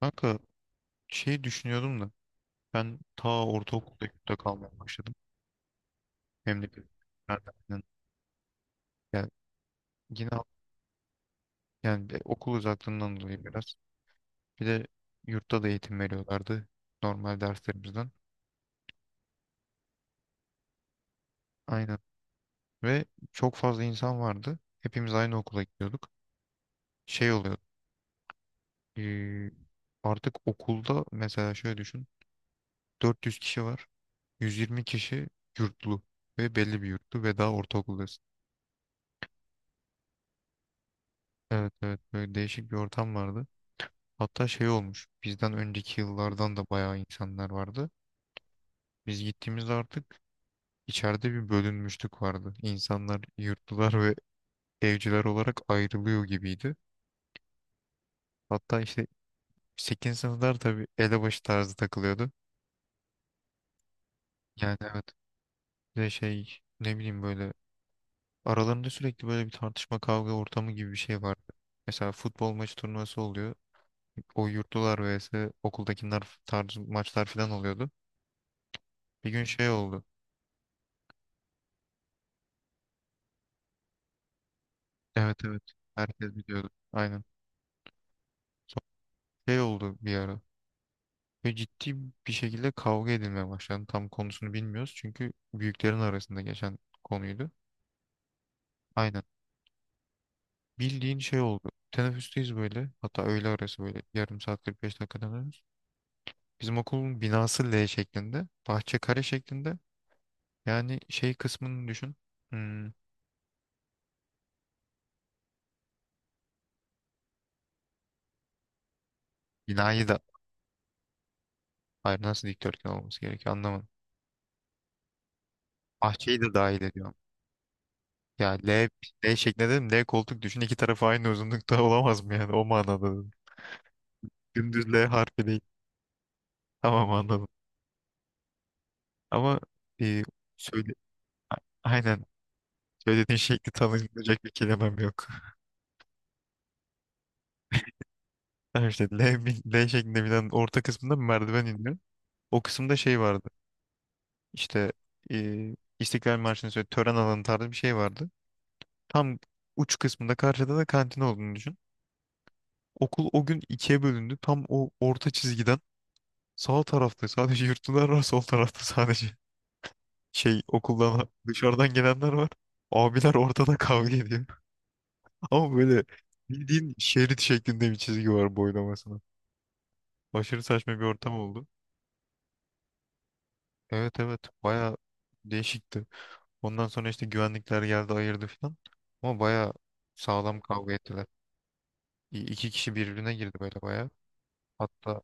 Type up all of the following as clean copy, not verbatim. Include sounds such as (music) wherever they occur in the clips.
Kanka şey düşünüyordum da ben ta ortaokulda yurtta kalmaya başladım. Hem de bir nereden? Yani yine yani de okul uzaklığından dolayı biraz. Bir de yurtta da eğitim veriyorlardı normal derslerimizden. Aynen. Ve çok fazla insan vardı. Hepimiz aynı okula gidiyorduk. Şey oluyordu, eee, artık okulda mesela şöyle düşün. 400 kişi var. 120 kişi yurtlu ve belli bir yurtlu ve daha ortaokuldasın. Evet, evet, böyle değişik bir ortam vardı. Hatta şey olmuş. Bizden önceki yıllardan da bayağı insanlar vardı. Biz gittiğimizde artık içeride bir bölünmüşlük vardı. İnsanlar yurtlular ve evciler olarak ayrılıyor gibiydi. Hatta işte 8. sınıflar tabii elebaşı tarzı takılıyordu. Yani evet. Bir de şey ne bileyim, böyle aralarında sürekli böyle bir tartışma kavga ortamı gibi bir şey vardı. Mesela futbol maçı turnuvası oluyor. O yurtlular vs okuldakiler tarzı maçlar falan oluyordu. Bir gün şey oldu. Evet, evet. Herkes biliyordu. Aynen. Şey oldu bir ara. Ve ciddi bir şekilde kavga edilmeye başlandı. Tam konusunu bilmiyoruz. Çünkü büyüklerin arasında geçen konuydu. Aynen. Bildiğin şey oldu. Teneffüsteyiz böyle. Hatta öğle arası böyle. Yarım saat, 45 dakika dönüyoruz. Bizim okulun binası L şeklinde. Bahçe kare şeklinde. Yani şey kısmını düşün. Hmm, binayı da. Hayır, nasıl dikdörtgen olması gerekiyor anlamadım. Bahçeyi de dahil ediyorum. Ya L, L şeklinde dedim. L koltuk düşün. İki tarafı aynı uzunlukta (laughs) olamaz mı yani? O manada. Dümdüz L harfi değil. Tamam, anladım. Ama e, söyle a- aynen söylediğin şekli tanımlayacak bir kelimem yok. (laughs) Tamam, işte L, L şeklinde binen orta kısmında bir merdiven iniyor. O kısımda şey vardı. İşte İstiklal Marşı'nın söyle tören alanı tarzı bir şey vardı. Tam uç kısmında, karşıda da kantin olduğunu düşün. Okul o gün ikiye bölündü. Tam o orta çizgiden sağ tarafta sadece yurtlular var, sol tarafta sadece şey, okuldan dışarıdan gelenler var. Abiler ortada kavga ediyor. Ama böyle bildiğin şerit şeklinde bir çizgi var boylamasına. Aşırı saçma bir ortam oldu. Evet, evet, baya değişikti. Ondan sonra işte güvenlikler geldi, ayırdı falan. Ama baya sağlam kavga ettiler. İki kişi birbirine girdi böyle baya. Hatta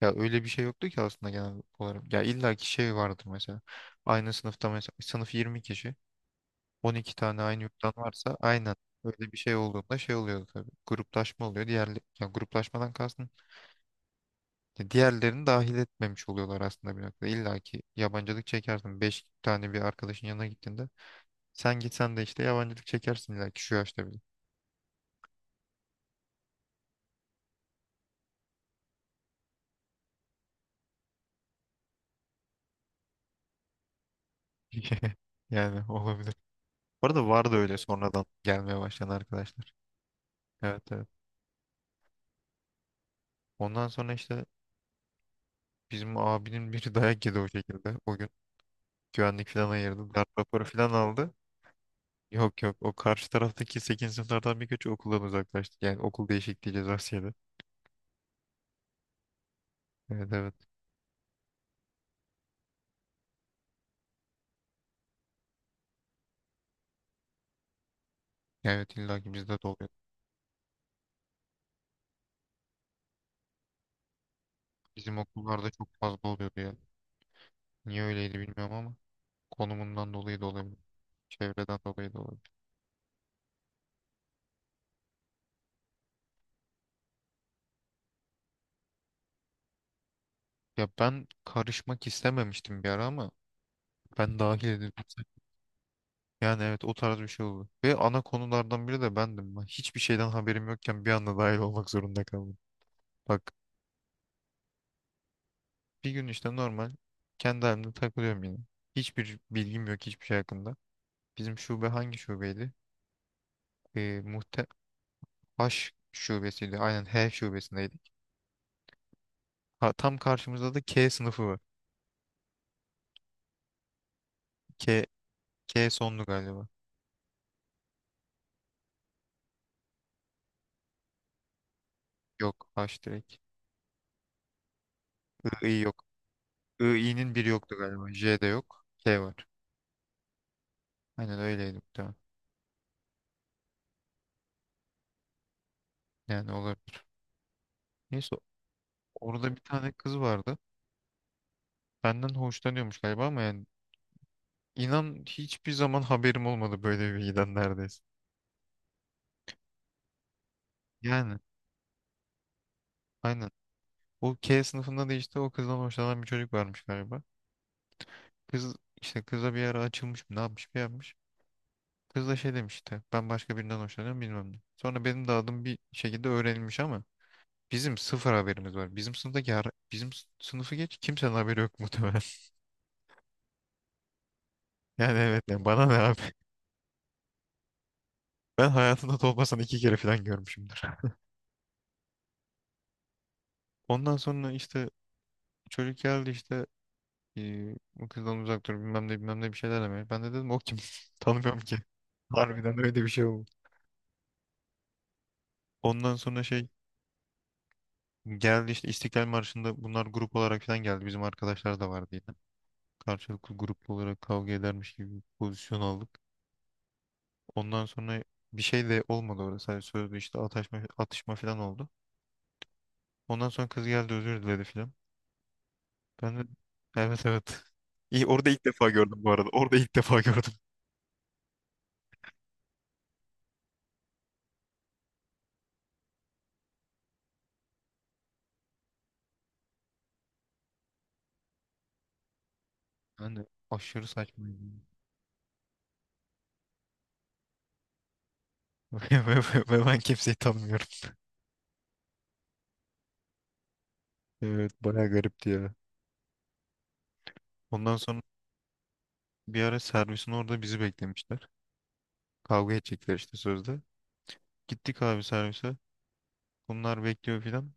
ya öyle bir şey yoktu ki aslında genel olarak. Ya illaki şey vardır mesela. Aynı sınıfta mesela sınıf 20 kişi. 12 tane aynı yurttan varsa aynen öyle bir şey olduğunda şey oluyor tabii. Gruplaşma oluyor. Diğer, ya gruplaşmadan kastım, ya diğerlerini dahil etmemiş oluyorlar aslında bir noktada. İlla ki yabancılık çekersin. Beş tane bir arkadaşın yanına gittiğinde sen gitsen de işte yabancılık çekersin illa ki şu yaşta bile. (laughs) Yani olabilir. Bu arada vardı öyle. Evet, sonradan gelmeye başlayan arkadaşlar. Evet, evet. Ondan sonra işte bizim abinin biri (laughs) dayak yedi o şekilde. O gün güvenlik falan ayırdı. Darp raporu falan aldı. Yok, yok, o karşı taraftaki 8. sınıflardan birkaçı okuldan uzaklaştı. Yani okul değişikliği cezası yedi. Evet, evet. Yani evet, illa ki bizde de oluyor. Bizim okullarda çok fazla oluyordu ya. Niye öyleydi bilmiyorum ama konumundan dolayı da olabilir. Çevreden dolayı da olabilir. Ya ben karışmak istememiştim bir ara ama ben dahil edildim. Yani evet, o tarz bir şey oldu. Ve ana konulardan biri de bendim. Ben hiçbir şeyden haberim yokken bir anda dahil olmak zorunda kaldım. Bak, bir gün işte normal kendi halimde takılıyorum yine. Hiçbir bilgim yok hiçbir şey hakkında. Bizim şube hangi şubeydi? Muhte H şubesiydi. Aynen, H şubesindeydi. Ha, tam karşımızda da K sınıfı var. K, K sonlu galiba. Yok, H direkt. I, I yok. I, I'nin biri yoktu galiba. J de yok. K var. Aynen öyleydi muhtemelen. Yani olabilir. Neyse, orada bir tane kız vardı. Benden hoşlanıyormuş galiba ama yani inan hiçbir zaman haberim olmadı böyle bir bilgiden neredeyse. Yani aynen. O K sınıfında da işte o kızdan hoşlanan bir çocuk varmış galiba. Kız işte kıza bir ara açılmış mı ne yapmış bir yapmış. Kız da şey demişti. Ben başka birinden hoşlanıyorum, bilmem ne. Sonra benim de adım bir şekilde öğrenilmiş ama bizim sıfır haberimiz var. Bizim sınıfı geç, kimsenin haberi yok muhtemelen. (laughs) Yani evet, yani bana ne abi. (laughs) Ben hayatımda Tolga'sını iki kere falan görmüşümdür. (laughs) Ondan sonra işte çocuk geldi işte, bu kızdan uzak dur bilmem ne bilmem ne bir şeyler demeye. Ben de dedim o kim? (laughs) Tanımıyorum ki. Harbiden öyle bir şey oldu. Ondan sonra şey geldi, işte İstiklal Marşı'nda bunlar grup olarak falan geldi. Bizim arkadaşlar da vardı yine. Karşılıklı gruplu olarak kavga edermiş gibi bir pozisyon aldık. Ondan sonra bir şey de olmadı orada. Sadece sözlü işte atışma, atışma falan oldu. Ondan sonra kız geldi özür diledi falan. Ben de evet, evet. (laughs) İyi, orada ilk defa gördüm bu arada. Orada ilk defa gördüm. Ben de aşırı saçmaydı. (laughs) Ve ben kimseyi tanımıyorum. (laughs) Evet, bayağı garipti ya. Ondan sonra bir ara servisin orada bizi beklemişler. Kavga edecekler işte sözde. Gittik abi servise. Bunlar bekliyor filan.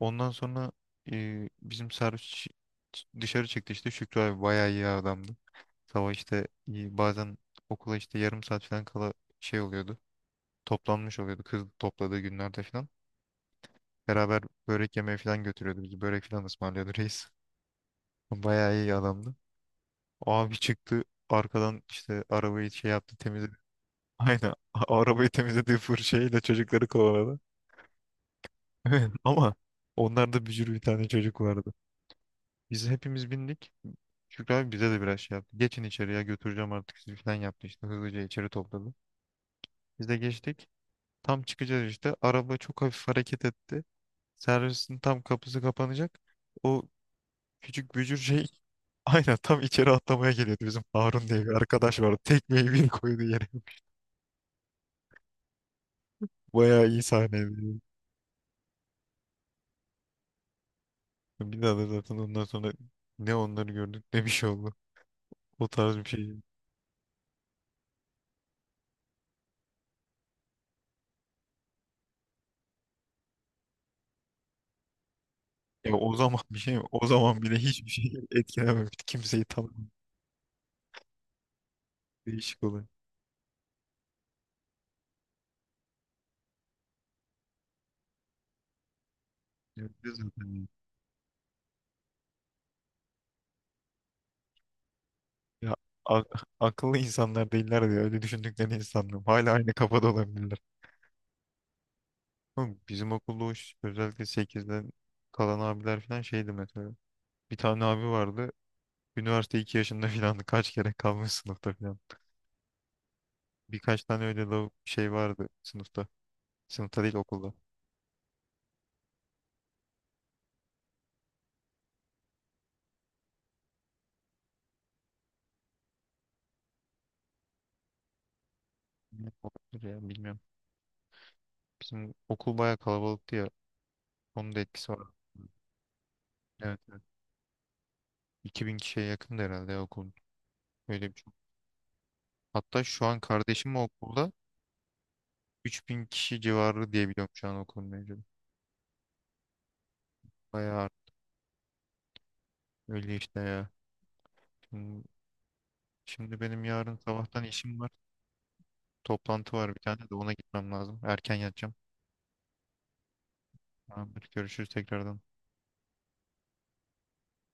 Ondan sonra bizim servis dışarı çıktı, işte Şükrü abi bayağı iyi adamdı. Sabah işte, bazen okula işte yarım saat falan kala şey oluyordu. Toplanmış oluyordu kız topladığı günlerde falan. Beraber börek yemeye falan götürüyordu bizi. Börek falan ısmarlıyordu (laughs) reis. Bayağı iyi adamdı. O abi çıktı arkadan, işte arabayı şey yaptı, temizledi. (laughs) Aynen, arabayı temizlediği fırçayla çocukları kovaladı. (laughs) Ama onlarda bücür bir tane çocuk vardı. Biz hepimiz bindik. Şükrü abi bize de biraz şey yaptı. Geçin, içeriye götüreceğim artık sizi falan yaptı işte. Hızlıca içeri topladı. Biz de geçtik. Tam çıkacağız işte. Araba çok hafif hareket etti. Servisin tam kapısı kapanacak. O küçük bücür şey (laughs) aynen tam içeri atlamaya geliyordu. Bizim Harun diye bir arkadaş vardı. Tekmeyi bir koydu yere. (laughs) Bayağı iyi sahneydi. Bir daha da zaten ondan sonra ne onları gördük ne bir şey oldu. O tarz bir şey. Ya o zaman bir şey mi? O zaman bile hiçbir şey etkilememişti. Kimseyi tam değişik oluyor. Yapıyor zaten ya. Ya akıllı insanlar değiller diye öyle düşündüklerini hiç sanmıyorum. Hala aynı kafada olabilirler. Oğlum, bizim okulda o özellikle sekizden kalan abiler falan şeydi mesela. Bir tane abi vardı. Üniversite 2 yaşında falan (laughs) kaç kere kalmış sınıfta falan. Birkaç tane öyle şey vardı sınıfta. Sınıfta değil, okulda. Ne olabilir ya, bilmiyorum. Bizim okul bayağı kalabalıktı ya. Onun da etkisi var. Evet, evet. 2.000 kişiye yakındı herhalde ya okul. Öyle bir şey. Hatta şu an kardeşim okulda 3.000 kişi civarı diye biliyorum şu an okulun mevcudu. Bayağı öyle işte ya. Şimdi, şimdi benim yarın sabahtan işim var. Toplantı var, bir tane de ona gitmem lazım. Erken yatacağım. Tamamdır. Görüşürüz tekrardan.